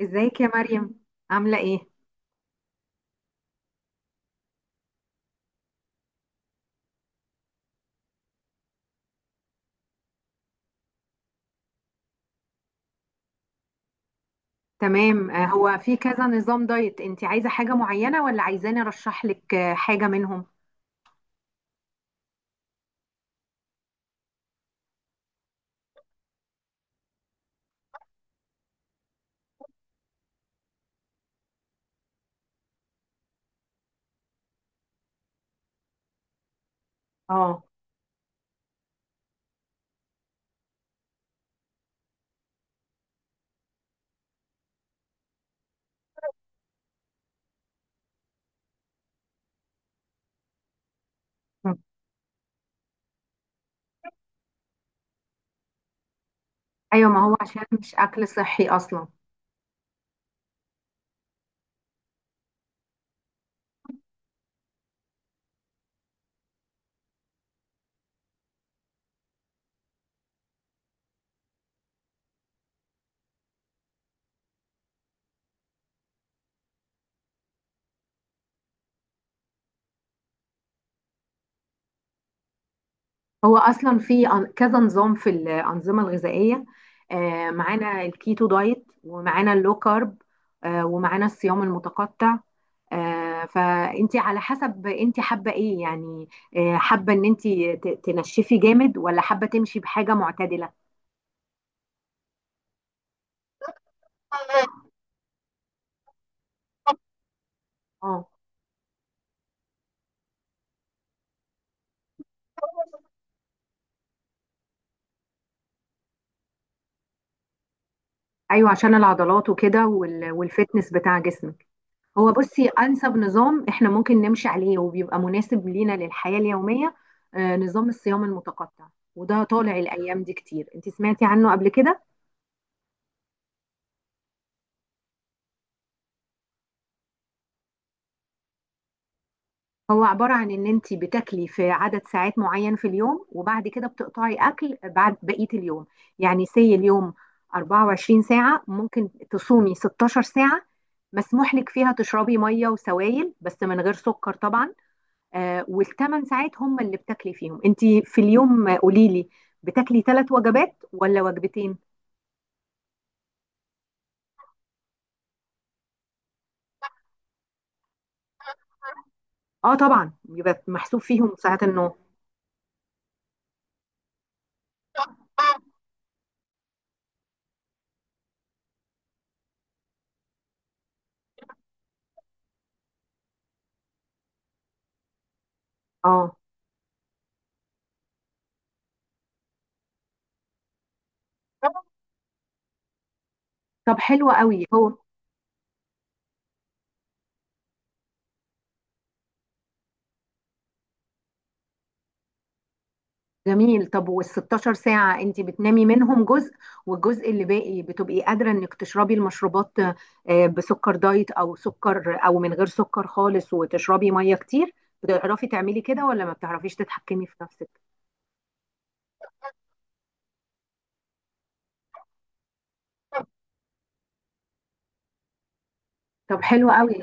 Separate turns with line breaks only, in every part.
ازيك يا مريم، عاملة ايه؟ تمام. هو في كذا نظام دايت، انت عايزة حاجة معينة ولا عايزاني ارشح لك حاجة منهم؟ اه. مم. ايوه، ما هو عشان مش اكل صحي اصلا. هو اصلا في كذا نظام في الانظمة الغذائية. معانا الكيتو دايت ومعانا اللو كارب ومعانا الصيام المتقطع. فانت على حسب انت حابة ايه يعني، حابة ان انت تنشفي جامد ولا حابة تمشي بحاجة معتدلة؟ اه. ايوه، عشان العضلات وكده والفتنس بتاع جسمك. هو بصي، انسب نظام احنا ممكن نمشي عليه وبيبقى مناسب لينا للحياه اليوميه نظام الصيام المتقطع، وده طالع الايام دي كتير. انت سمعتي عنه قبل كده؟ هو عباره عن ان انت بتاكلي في عدد ساعات معين في اليوم وبعد كده بتقطعي اكل بعد بقيه اليوم. يعني اليوم 24 ساعه، ممكن تصومي 16 ساعه، مسموح لك فيها تشربي ميه وسوائل بس من غير سكر طبعا. آه، والثمان ساعات هم اللي بتاكلي فيهم انت في اليوم. قولي لي، بتاكلي 3 وجبات ولا وجبتين؟ اه، طبعا يبقى محسوب فيهم ساعات النوم. اه، طب حلو قوي. هو جميل. طب، وال 16 ساعة انت بتنامي منهم جزء، والجزء اللي باقي بتبقي قادرة انك تشربي المشروبات بسكر دايت او سكر او من غير سكر خالص، وتشربي مية كتير. بتعرفي تعملي كده ولا ما بتعرفيش تتحكمي في نفسك؟ طب حلو قوي.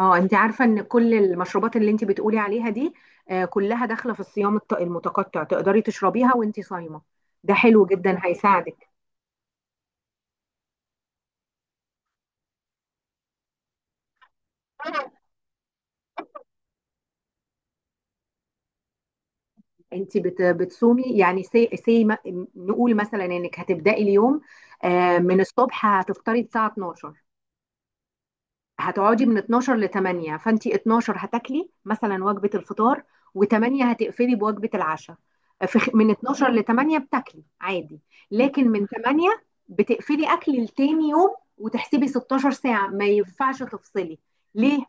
اه، انت عارفه ان كل المشروبات اللي انت بتقولي عليها دي كلها داخله في الصيام المتقطع، تقدري تشربيها وانت صايمه. ده حلو جدا، هيساعدك. انت بتصومي، يعني سي, سي ما- نقول مثلا انك هتبداي اليوم من الصبح هتفطري الساعه 12، هتقعدي من 12 ل 8. فانت 12 هتاكلي مثلا وجبه الفطار، و8 هتقفلي بوجبه العشاء. من 12 ل 8 بتاكلي عادي، لكن من 8 بتقفلي اكل لتاني يوم، وتحسبي 16 ساعه، ما ينفعش تفصلي. ليه؟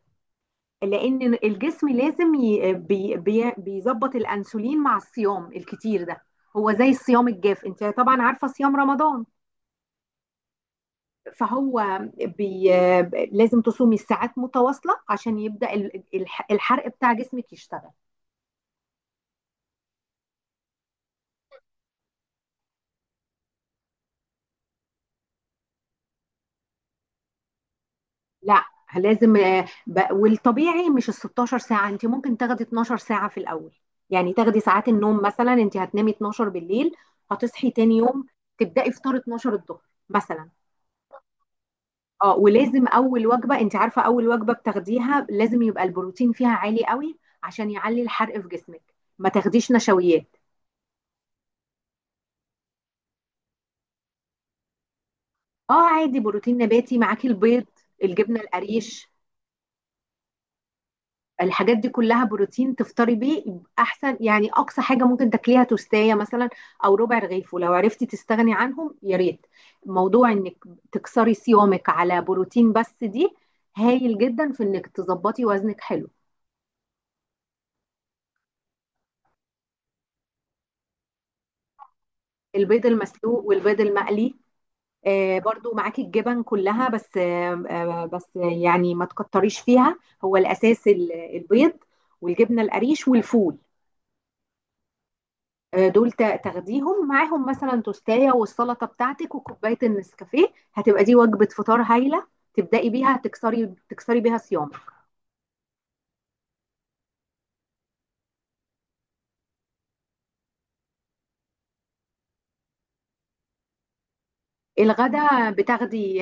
لان الجسم لازم بيظبط الانسولين مع الصيام الكتير ده. هو زي الصيام الجاف، انت طبعا عارفه صيام رمضان. فهو بي... لازم تصومي الساعات متواصلة عشان يبدأ الحرق بتاع جسمك يشتغل. لا، لازم والطبيعي مش ال 16 ساعة، انت ممكن تاخدي 12 ساعة في الأول. يعني تاخدي ساعات النوم، مثلا انت هتنامي 12 بالليل، هتصحي تاني يوم تبدأي فطار 12 الظهر مثلا. اه، ولازم أول وجبة، انت عارفة أول وجبة بتاخديها لازم يبقى البروتين فيها عالي قوي عشان يعلي الحرق في جسمك، ما تاخديش نشويات. اه عادي، بروتين نباتي، معاكي البيض، الجبنه القريش، الحاجات دي كلها بروتين. تفطري بيه احسن يعني. اقصى حاجه ممكن تاكليها توستايه مثلا، او ربع رغيف، ولو عرفتي تستغني عنهم يا ريت. موضوع انك تكسري صيامك على بروتين بس دي هايل جدا في انك تظبطي وزنك حلو. البيض المسلوق والبيض المقلي، آه، برضو معاكي الجبن كلها، بس بس يعني ما تكتريش فيها، هو الاساس البيض والجبنه القريش والفول. دول تاخديهم معاهم مثلا توستايه والسلطه بتاعتك وكوبايه النسكافيه، هتبقى دي وجبه فطار هايله تبداي بيها، تكسري بيها صيامك. الغدا بتاخدي.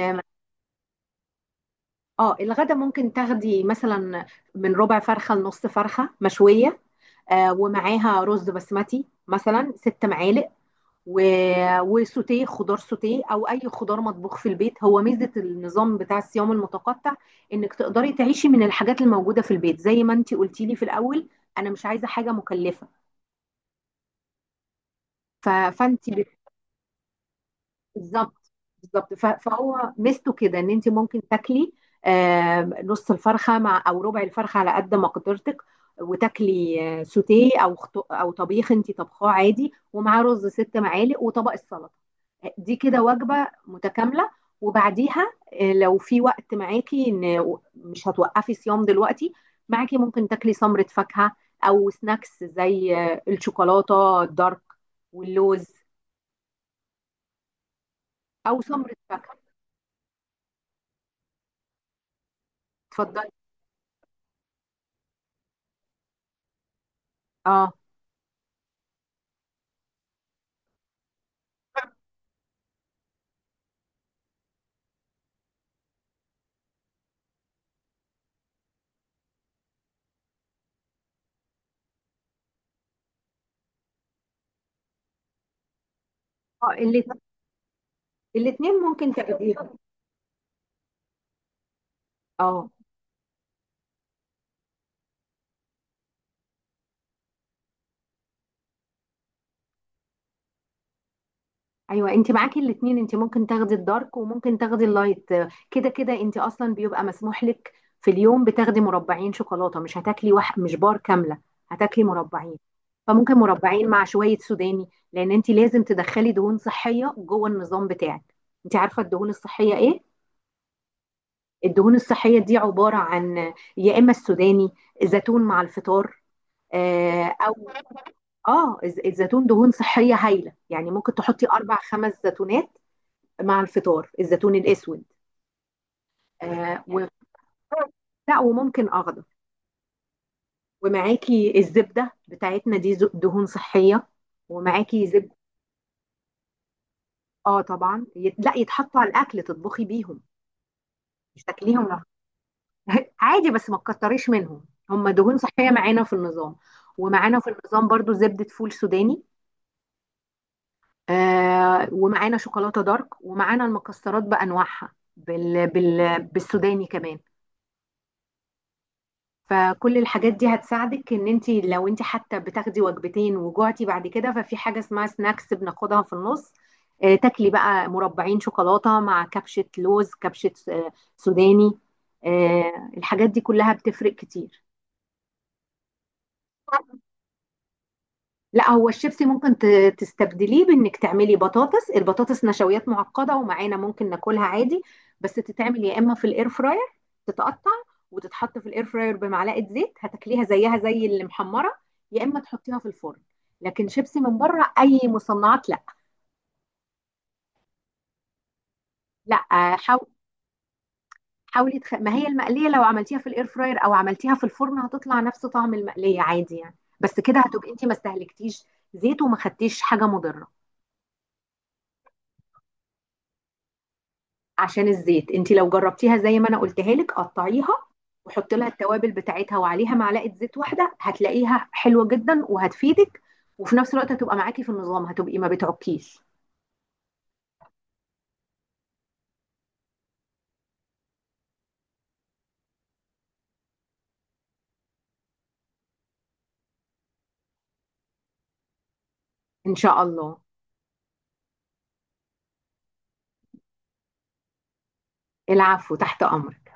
اه، الغدا ممكن تاخدي مثلا من ربع فرخه لنص فرخه مشويه، آه، ومعاها رز بسمتي مثلا 6 معالق و... وسوتيه خضار، سوتيه او اي خضار مطبوخ في البيت. هو ميزه النظام بتاع الصيام المتقطع انك تقدري تعيشي من الحاجات الموجوده في البيت، زي ما انت قلتي لي في الاول، انا مش عايزه حاجه مكلفه. فانت بالظبط. بالظبط، فهو ميزته كده ان انت ممكن تاكلي نص الفرخه مع او ربع الفرخه على قد ما قدرتك، وتاكلي سوتيه او طبيخ انت طبخاه عادي، ومعاه رز 6 معالق وطبق السلطه. دي كده وجبه متكامله. وبعديها لو في وقت معاكي، ان مش هتوقفي صيام دلوقتي، معاكي ممكن تاكلي سمره فاكهه، او سناكس زي الشوكولاته الدارك واللوز، او سمره فاكهه. اتفضلي. اه. اه، الاتنين ممكن تاخديهم. اه، ايوه، انت معاكي الاتنين، انت ممكن تاخدي الدارك وممكن تاخدي اللايت. كده كده انت اصلا بيبقى مسموح لك في اليوم بتاخدي مربعين شوكولاته، مش هتاكلي واحد، مش بار كامله، هتاكلي مربعين. فممكن مربعين مع شويه سوداني، لان انت لازم تدخلي دهون صحيه جوه النظام بتاعك. انت عارفه الدهون الصحيه ايه؟ الدهون الصحيه دي عباره عن يا اما السوداني، زيتون مع الفطار، او اه الزيتون دهون صحية هايلة، يعني ممكن تحطي أربع خمس زيتونات مع الفطار، الزيتون الأسود. آه و... لا، وممكن أخضر. ومعاكي الزبدة بتاعتنا دي دهون صحية، ومعاكي زبدة. اه طبعا لا، يتحطوا على الأكل، تطبخي بيهم، مش تاكليهم لوحدك. عادي، بس ما تكتريش منهم، هم دهون صحية معانا في النظام. ومعانا في النظام برضو زبدة فول سوداني، آه، ومعانا شوكولاتة دارك، ومعانا المكسرات بأنواعها بالسوداني كمان. فكل الحاجات دي هتساعدك، ان انت لو انت حتى بتاخدي وجبتين وجوعتي بعد كده، ففي حاجة اسمها سناكس بناخدها في النص. آه، تاكلي بقى مربعين شوكولاتة مع كبشة لوز، كبشة سوداني. آه، الحاجات دي كلها بتفرق كتير. لا، هو الشيبسي ممكن تستبدليه بانك تعملي بطاطس. البطاطس نشويات معقده ومعانا ممكن ناكلها عادي، بس تتعمل يا اما في الاير فراير، تتقطع وتتحط في الاير فراير بمعلقه زيت، هتاكليها زيها زي اللي محمره، يا اما تحطيها في الفرن. لكن شيبسي من بره، اي مصنعات، لا. لا حاولي ما هي المقليه لو عملتيها في الاير فراير او عملتيها في الفرن هتطلع نفس طعم المقليه عادي يعني، بس كده هتبقي انت ما استهلكتيش زيت وما خدتيش حاجه مضره. عشان الزيت، انت لو جربتيها زي ما انا قلتها لك، قطعيها وحطي لها التوابل بتاعتها وعليها معلقه زيت واحده، هتلاقيها حلوه جدا وهتفيدك، وفي نفس الوقت هتبقى معاكي في النظام، هتبقي ما بتعكيش. ان شاء الله. العفو، تحت امرك.